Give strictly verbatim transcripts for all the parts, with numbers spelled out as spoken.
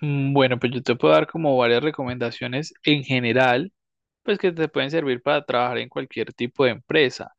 Mm, Bueno, pues yo te puedo dar como varias recomendaciones en general, pues que te pueden servir para trabajar en cualquier tipo de empresa.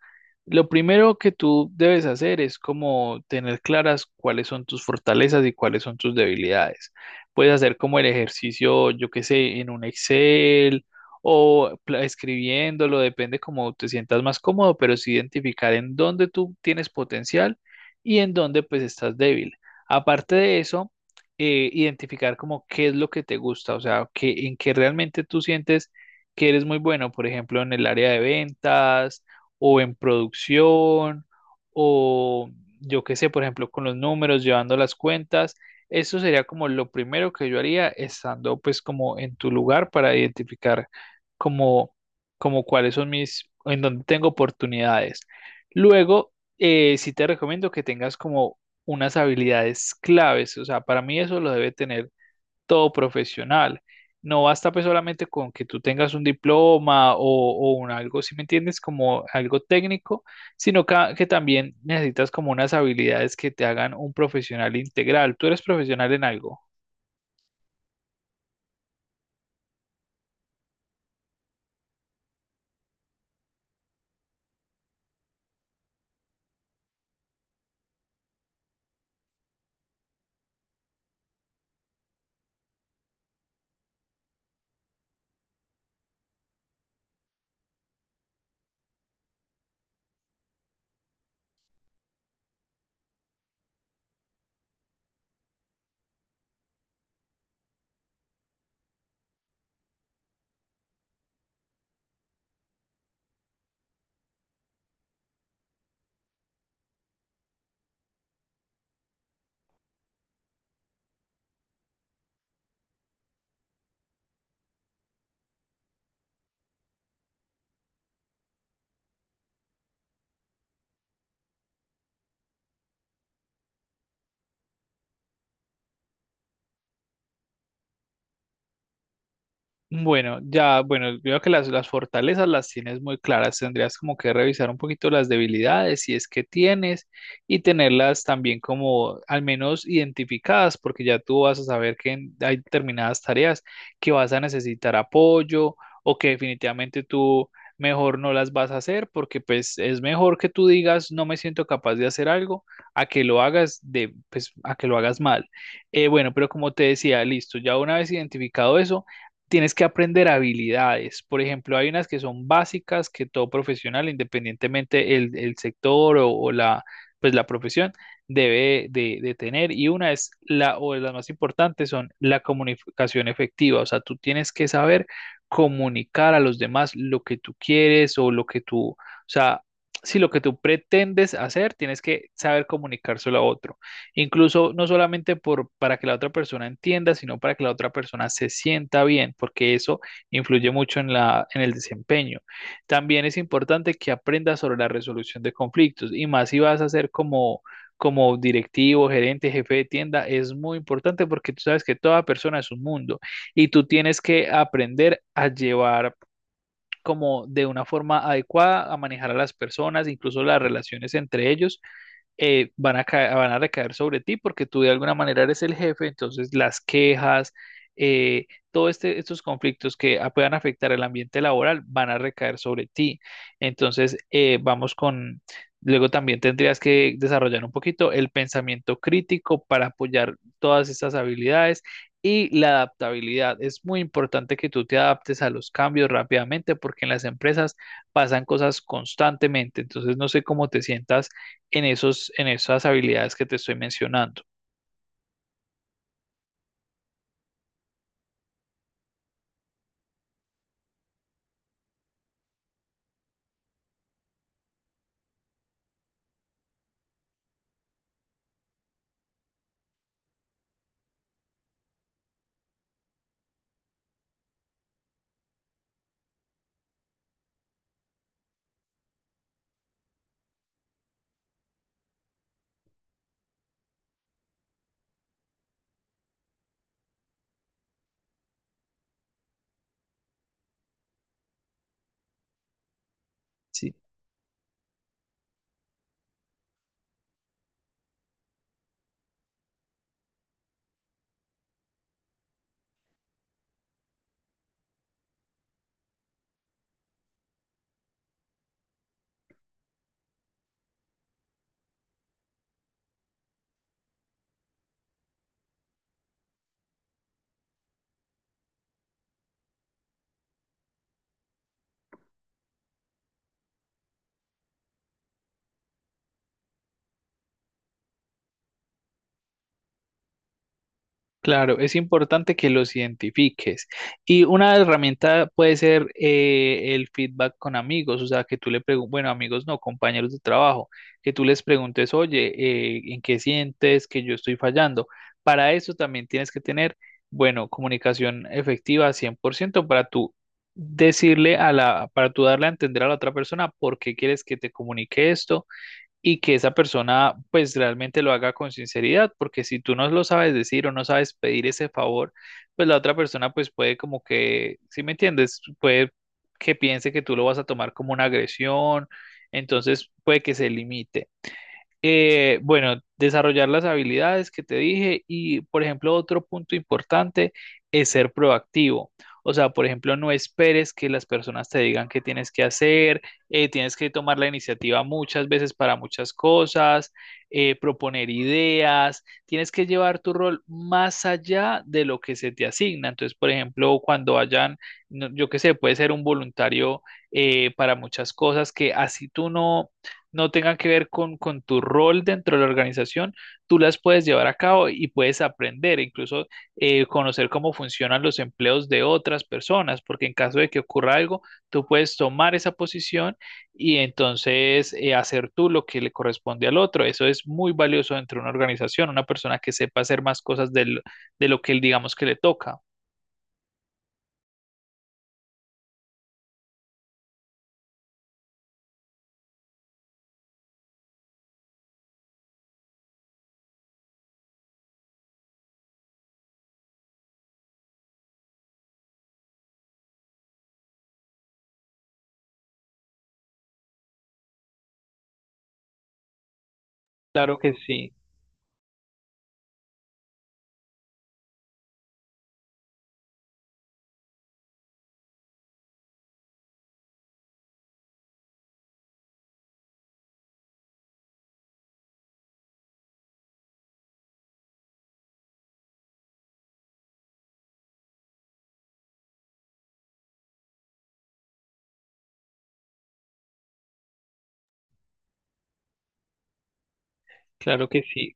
Lo primero que tú debes hacer es como tener claras cuáles son tus fortalezas y cuáles son tus debilidades. Puedes hacer como el ejercicio, yo qué sé, en un Excel o pla- escribiéndolo, depende cómo te sientas más cómodo, pero sí identificar en dónde tú tienes potencial y en dónde pues estás débil. Aparte de eso, eh, identificar como qué es lo que te gusta, o sea, que, en qué realmente tú sientes que eres muy bueno, por ejemplo, en el área de ventas o en producción, o yo qué sé, por ejemplo, con los números, llevando las cuentas. Eso sería como lo primero que yo haría estando pues como en tu lugar para identificar como, como cuáles son mis, en dónde tengo oportunidades. Luego, eh, sí te recomiendo que tengas como unas habilidades claves, o sea, para mí eso lo debe tener todo profesional. No basta pues solamente con que tú tengas un diploma o, o un algo, si me entiendes, como algo técnico, sino ca- que también necesitas como unas habilidades que te hagan un profesional integral. ¿Tú eres profesional en algo? Bueno, ya, bueno, veo que las, las fortalezas las tienes muy claras. Tendrías como que revisar un poquito las debilidades, si es que tienes, y tenerlas también como al menos identificadas, porque ya tú vas a saber que en- hay determinadas tareas que vas a necesitar apoyo o que definitivamente tú mejor no las vas a hacer, porque pues es mejor que tú digas no me siento capaz de hacer algo a que lo hagas de, pues, a que lo hagas mal. Eh, bueno, pero como te decía, listo, ya una vez identificado eso tienes que aprender habilidades. Por ejemplo, hay unas que son básicas que todo profesional, independientemente el, el sector o, o la, pues la profesión, debe de, de tener. Y una es la, o de las más importantes son la comunicación efectiva. O sea, tú tienes que saber comunicar a los demás lo que tú quieres o lo que tú, o sea, si lo que tú pretendes hacer, tienes que saber comunicárselo a otro. Incluso no solamente por, para que la otra persona entienda, sino para que la otra persona se sienta bien, porque eso influye mucho en la, en el desempeño. También es importante que aprendas sobre la resolución de conflictos y más si vas a ser como, como directivo, gerente, jefe de tienda, es muy importante porque tú sabes que toda persona es un mundo y tú tienes que aprender a llevar como de una forma adecuada a manejar a las personas, incluso las relaciones entre ellos, eh, van a ca- van a recaer sobre ti porque tú de alguna manera eres el jefe, entonces las quejas, eh, todos este, estos conflictos que a- puedan afectar el ambiente laboral van a recaer sobre ti. Entonces, eh, vamos con, luego también tendrías que desarrollar un poquito el pensamiento crítico para apoyar todas estas habilidades. Y la adaptabilidad. Es muy importante que tú te adaptes a los cambios rápidamente porque en las empresas pasan cosas constantemente. Entonces, no sé cómo te sientas en esos, en esas habilidades que te estoy mencionando. Claro, es importante que los identifiques. Y una herramienta puede ser eh, el feedback con amigos, o sea, que tú le preguntes, bueno, amigos no, compañeros de trabajo, que tú les preguntes, oye, eh, ¿en qué sientes que yo estoy fallando? Para eso también tienes que tener, bueno, comunicación efectiva cien por ciento para tú decirle a la, para tú darle a entender a la otra persona por qué quieres que te comunique esto y que esa persona pues realmente lo haga con sinceridad, porque si tú no lo sabes decir o no sabes pedir ese favor, pues la otra persona pues puede como que, ¿si me entiendes? Puede que piense que tú lo vas a tomar como una agresión, entonces puede que se limite. Eh, bueno, desarrollar las habilidades que te dije y, por ejemplo, otro punto importante es ser proactivo. O sea, por ejemplo, no esperes que las personas te digan qué tienes que hacer, eh, tienes que tomar la iniciativa muchas veces para muchas cosas, eh, proponer ideas, tienes que llevar tu rol más allá de lo que se te asigna. Entonces, por ejemplo, cuando vayan, no- yo qué sé, puede ser un voluntario eh, para muchas cosas que así tú no no tengan que ver con, con tu rol dentro de la organización, tú las puedes llevar a cabo y puedes aprender, incluso eh, conocer cómo funcionan los empleos de otras personas, porque en caso de que ocurra algo, tú puedes tomar esa posición y entonces eh, hacer tú lo que le corresponde al otro. Eso es muy valioso dentro de una organización, una persona que sepa hacer más cosas del- de lo que él digamos que le toca. Claro que sí, claro que sí.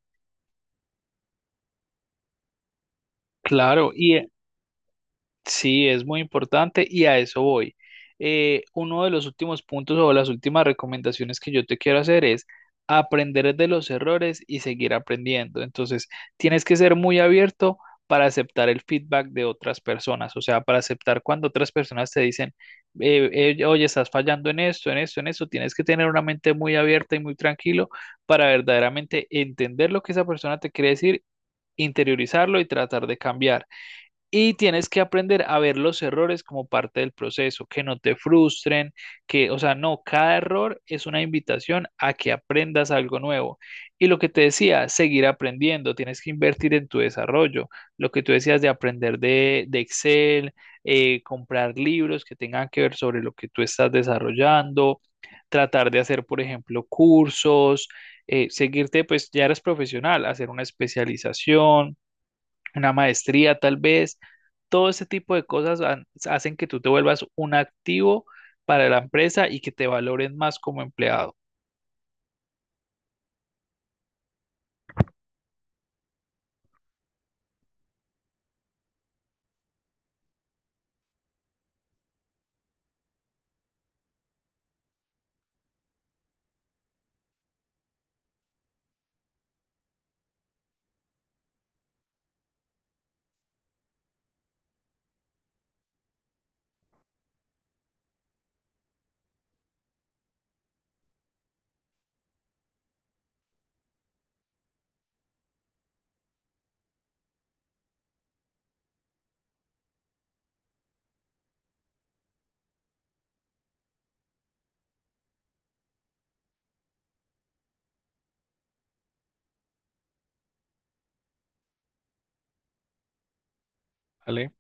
Claro, y sí, es muy importante y a eso voy. Eh, uno de los últimos puntos o las últimas recomendaciones que yo te quiero hacer es aprender de los errores y seguir aprendiendo. Entonces, tienes que ser muy abierto para aceptar el feedback de otras personas, o sea, para aceptar cuando otras personas te dicen, eh, eh, oye, estás fallando en esto, en esto, en esto, tienes que tener una mente muy abierta y muy tranquilo para verdaderamente entender lo que esa persona te quiere decir, interiorizarlo y tratar de cambiar. Y tienes que aprender a ver los errores como parte del proceso, que no te frustren, que, o sea, no, cada error es una invitación a que aprendas algo nuevo. Y lo que te decía, seguir aprendiendo, tienes que invertir en tu desarrollo. Lo que tú decías de aprender de, de Excel, eh, comprar libros que tengan que ver sobre lo que tú estás desarrollando, tratar de hacer, por ejemplo, cursos, eh, seguirte, pues ya eres profesional, hacer una especialización una maestría tal vez. Todo ese tipo de cosas han- hacen que tú te vuelvas un activo para la empresa y que te valoren más como empleado, ¿vale?